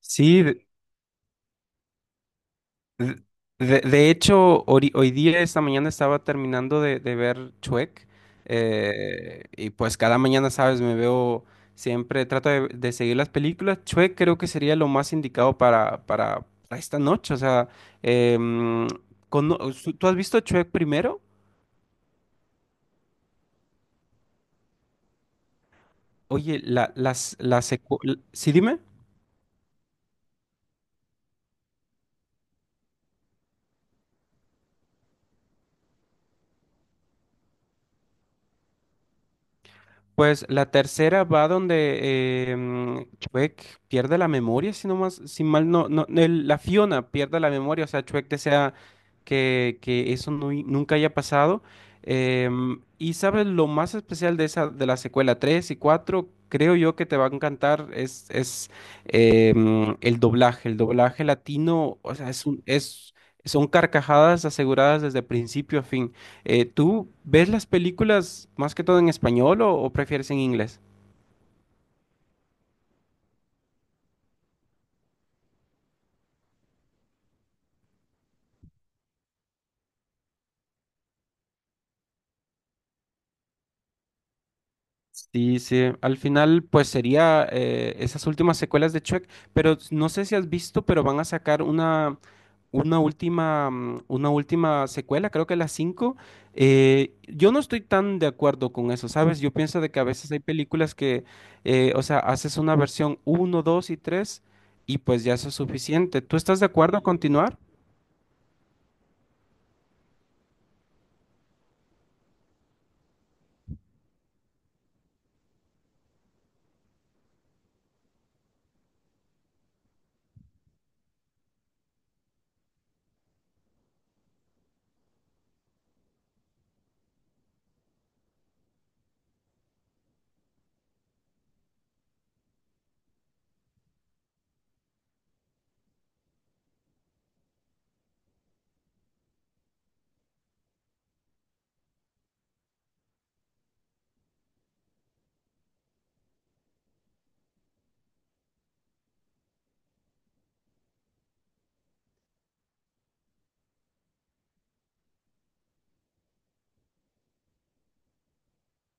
Sí. De, de hecho, hoy, día, esta mañana estaba terminando de ver Chuec, y pues cada mañana, sabes, me veo siempre, trato de seguir las películas. Chuec creo que sería lo más indicado para esta noche, o sea, em, cono- ¿tú has visto Chuec primero? Oye, la, las, la secu- l- ¿sí, dime? Pues la tercera va donde Chuck pierde la memoria, si no más, si mal no, no el- la Fiona pierde la memoria, o sea, Chuck desea que eso nunca haya pasado. Y sabes, lo más especial de esa, de la secuela 3 y 4, creo yo que te va a encantar, es el doblaje. El doblaje latino, o sea, son carcajadas aseguradas desde principio a fin. ¿Tú ves las películas más que todo en español o prefieres en inglés? Sí, sí. Al final, pues sería esas últimas secuelas de Shrek, pero no sé si has visto, pero van a sacar una última, una última secuela, creo que las 5. Yo no estoy tan de acuerdo con eso, ¿sabes? Yo pienso de que a veces hay películas que, o sea, haces una versión uno, 2 y 3 y pues ya eso es suficiente. ¿Tú estás de acuerdo a continuar?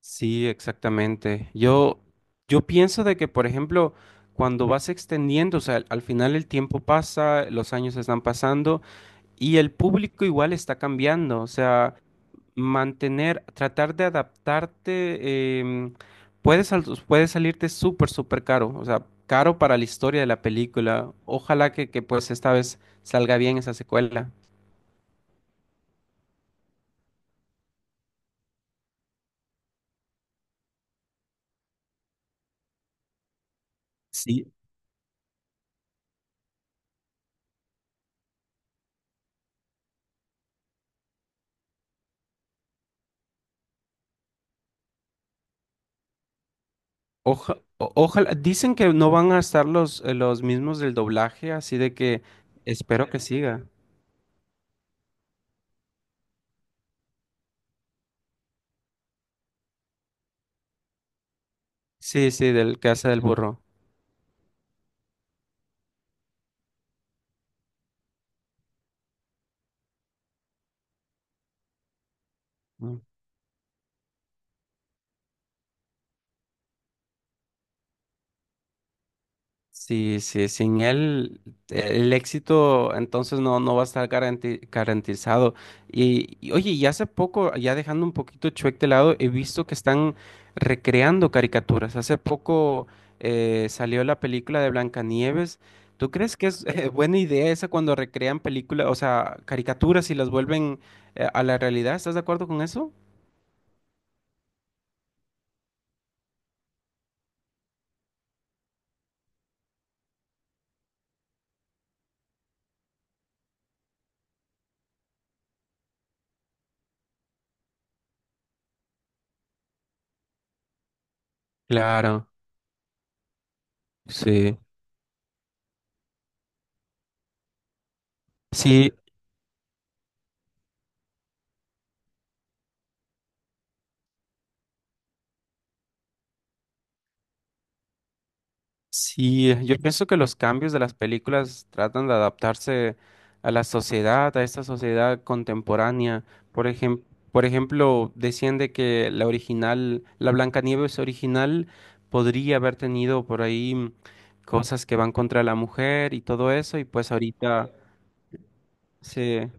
Sí, exactamente. Yo pienso de que, por ejemplo, cuando vas extendiendo, o sea, al final el tiempo pasa, los años están pasando y el público igual está cambiando. O sea, mantener, tratar de adaptarte, puede salirte súper, súper caro. O sea, caro para la historia de la película. Ojalá que pues esta vez salga bien esa secuela. Sí, ojalá, dicen que no van a estar los mismos del doblaje, así de que espero que siga. Sí, sí, del que hace del burro. Sí, sí, sin él el éxito entonces no, no va a estar garantizado. Y, oye, y hace poco, ya dejando un poquito Shrek de lado, he visto que están recreando caricaturas. Hace poco salió la película de Blancanieves. ¿Tú crees que es buena idea esa cuando recrean películas, o sea, caricaturas y las vuelven a la realidad? ¿Estás de acuerdo con eso? Claro, sí. Sí, sí, yo pienso que los cambios de las películas tratan de adaptarse a la sociedad, a esta sociedad contemporánea. Por ejem- por ejemplo, decían de que la original, la Blancanieves original podría haber tenido por ahí cosas que van contra la mujer y todo eso, y pues ahorita se...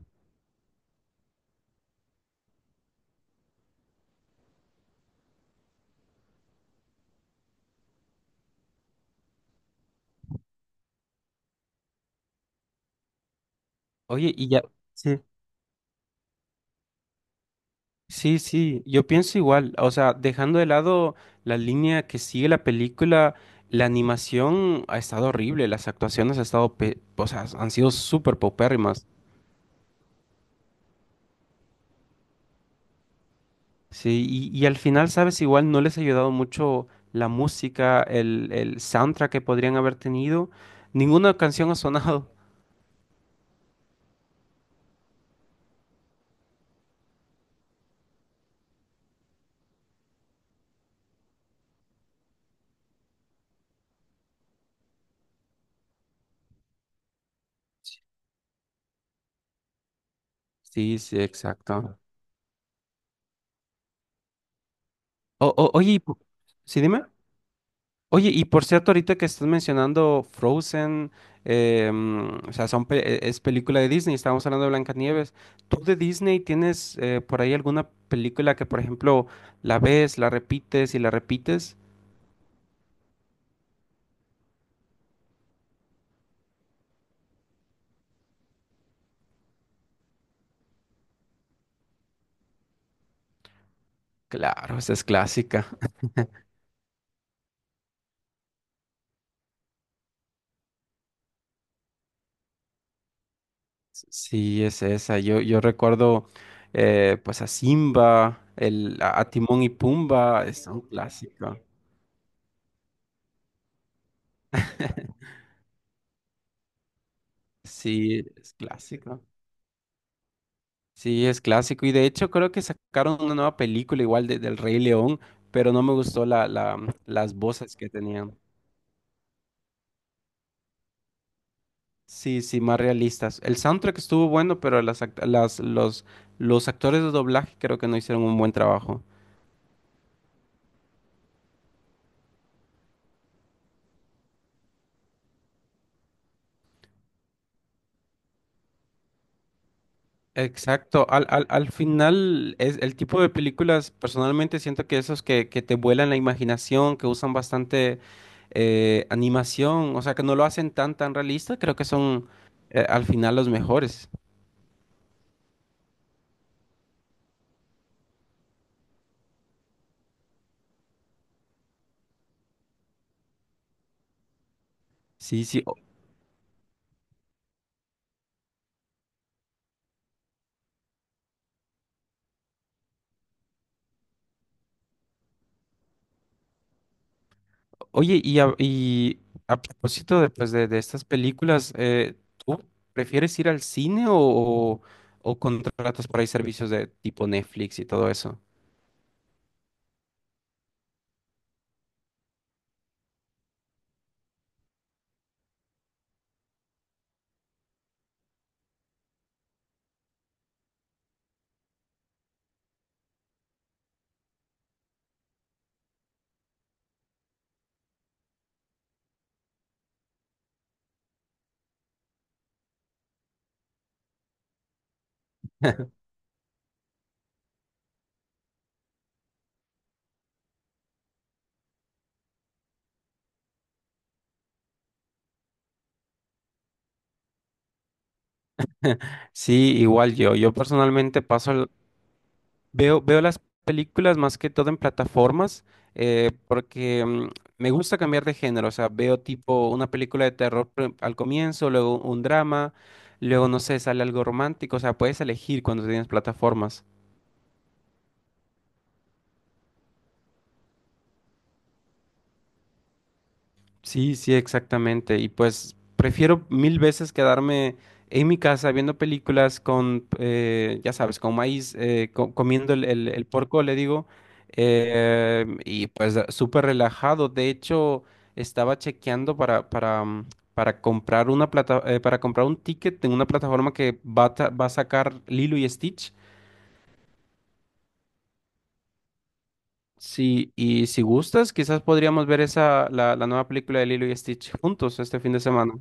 Oye, y ya... sí. Sí, sí, yo pienso igual, o sea, dejando de lado la línea que sigue la película, la animación ha estado horrible, las actuaciones ha estado pe- o sea, han sido súper paupérrimas. Sí, y al final, sabes, igual no les ha ayudado mucho la música, el soundtrack que podrían haber tenido, ninguna canción ha sonado. Sí, sí, exacto. Oye, sí, dime. Oye, y por cierto, ahorita que estás mencionando Frozen, o sea, es película de Disney, estábamos hablando de Blancanieves. ¿Tú de Disney tienes por ahí alguna película que, por ejemplo, la ves, la repites y la repites? Claro, esa es clásica. Sí, es esa. Yo recuerdo pues a Simba, a Timón y Pumba, es un clásico. Sí, es clásico. Sí, es clásico. Y de hecho creo que sacaron una nueva película igual de, del Rey León, pero no me gustó las voces que tenían. Sí, sí, más realistas. El soundtrack estuvo bueno, pero las, act- las, los actores de doblaje creo que no hicieron un buen trabajo. Exacto, al final es el tipo de películas, personalmente siento que esos que te vuelan la imaginación, que usan bastante animación, o sea, que no lo hacen tan tan realista, creo que son al final los mejores. Sí, sí. Oye, y a propósito de, pues, de estas películas, ¿tú prefieres ir al cine o contratas por ahí servicios de tipo Netflix y todo eso? Sí, igual yo. Yo personalmente veo, veo las películas más que todo en plataformas, eh, porque mm, me gusta cambiar de género. O sea, veo tipo una película de terror al comienzo, luego un drama, luego no sé, sale algo romántico. O sea, puedes elegir cuando tienes plataformas. Sí, sí, exactamente. Y pues prefiero mil veces quedarme en mi casa viendo películas con, ya sabes, con maíz, comiendo el porco, le digo, súper relajado. De hecho, estaba chequeando para comprar para comprar un ticket en una plataforma que va va a sacar Lilo y Stitch. Sí, y si gustas, quizás podríamos ver esa, la nueva película de Lilo y Stitch juntos este fin de semana.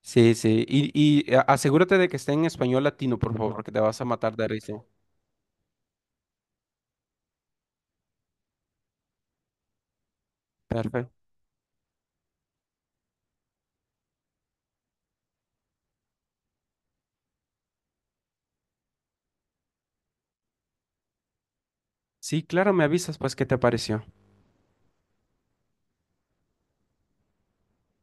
Sí, sí. Asegúrate de que esté en español latino, por favor, que te vas a matar de risa. Perfecto. Sí, claro, me avisas, pues, ¿qué te pareció?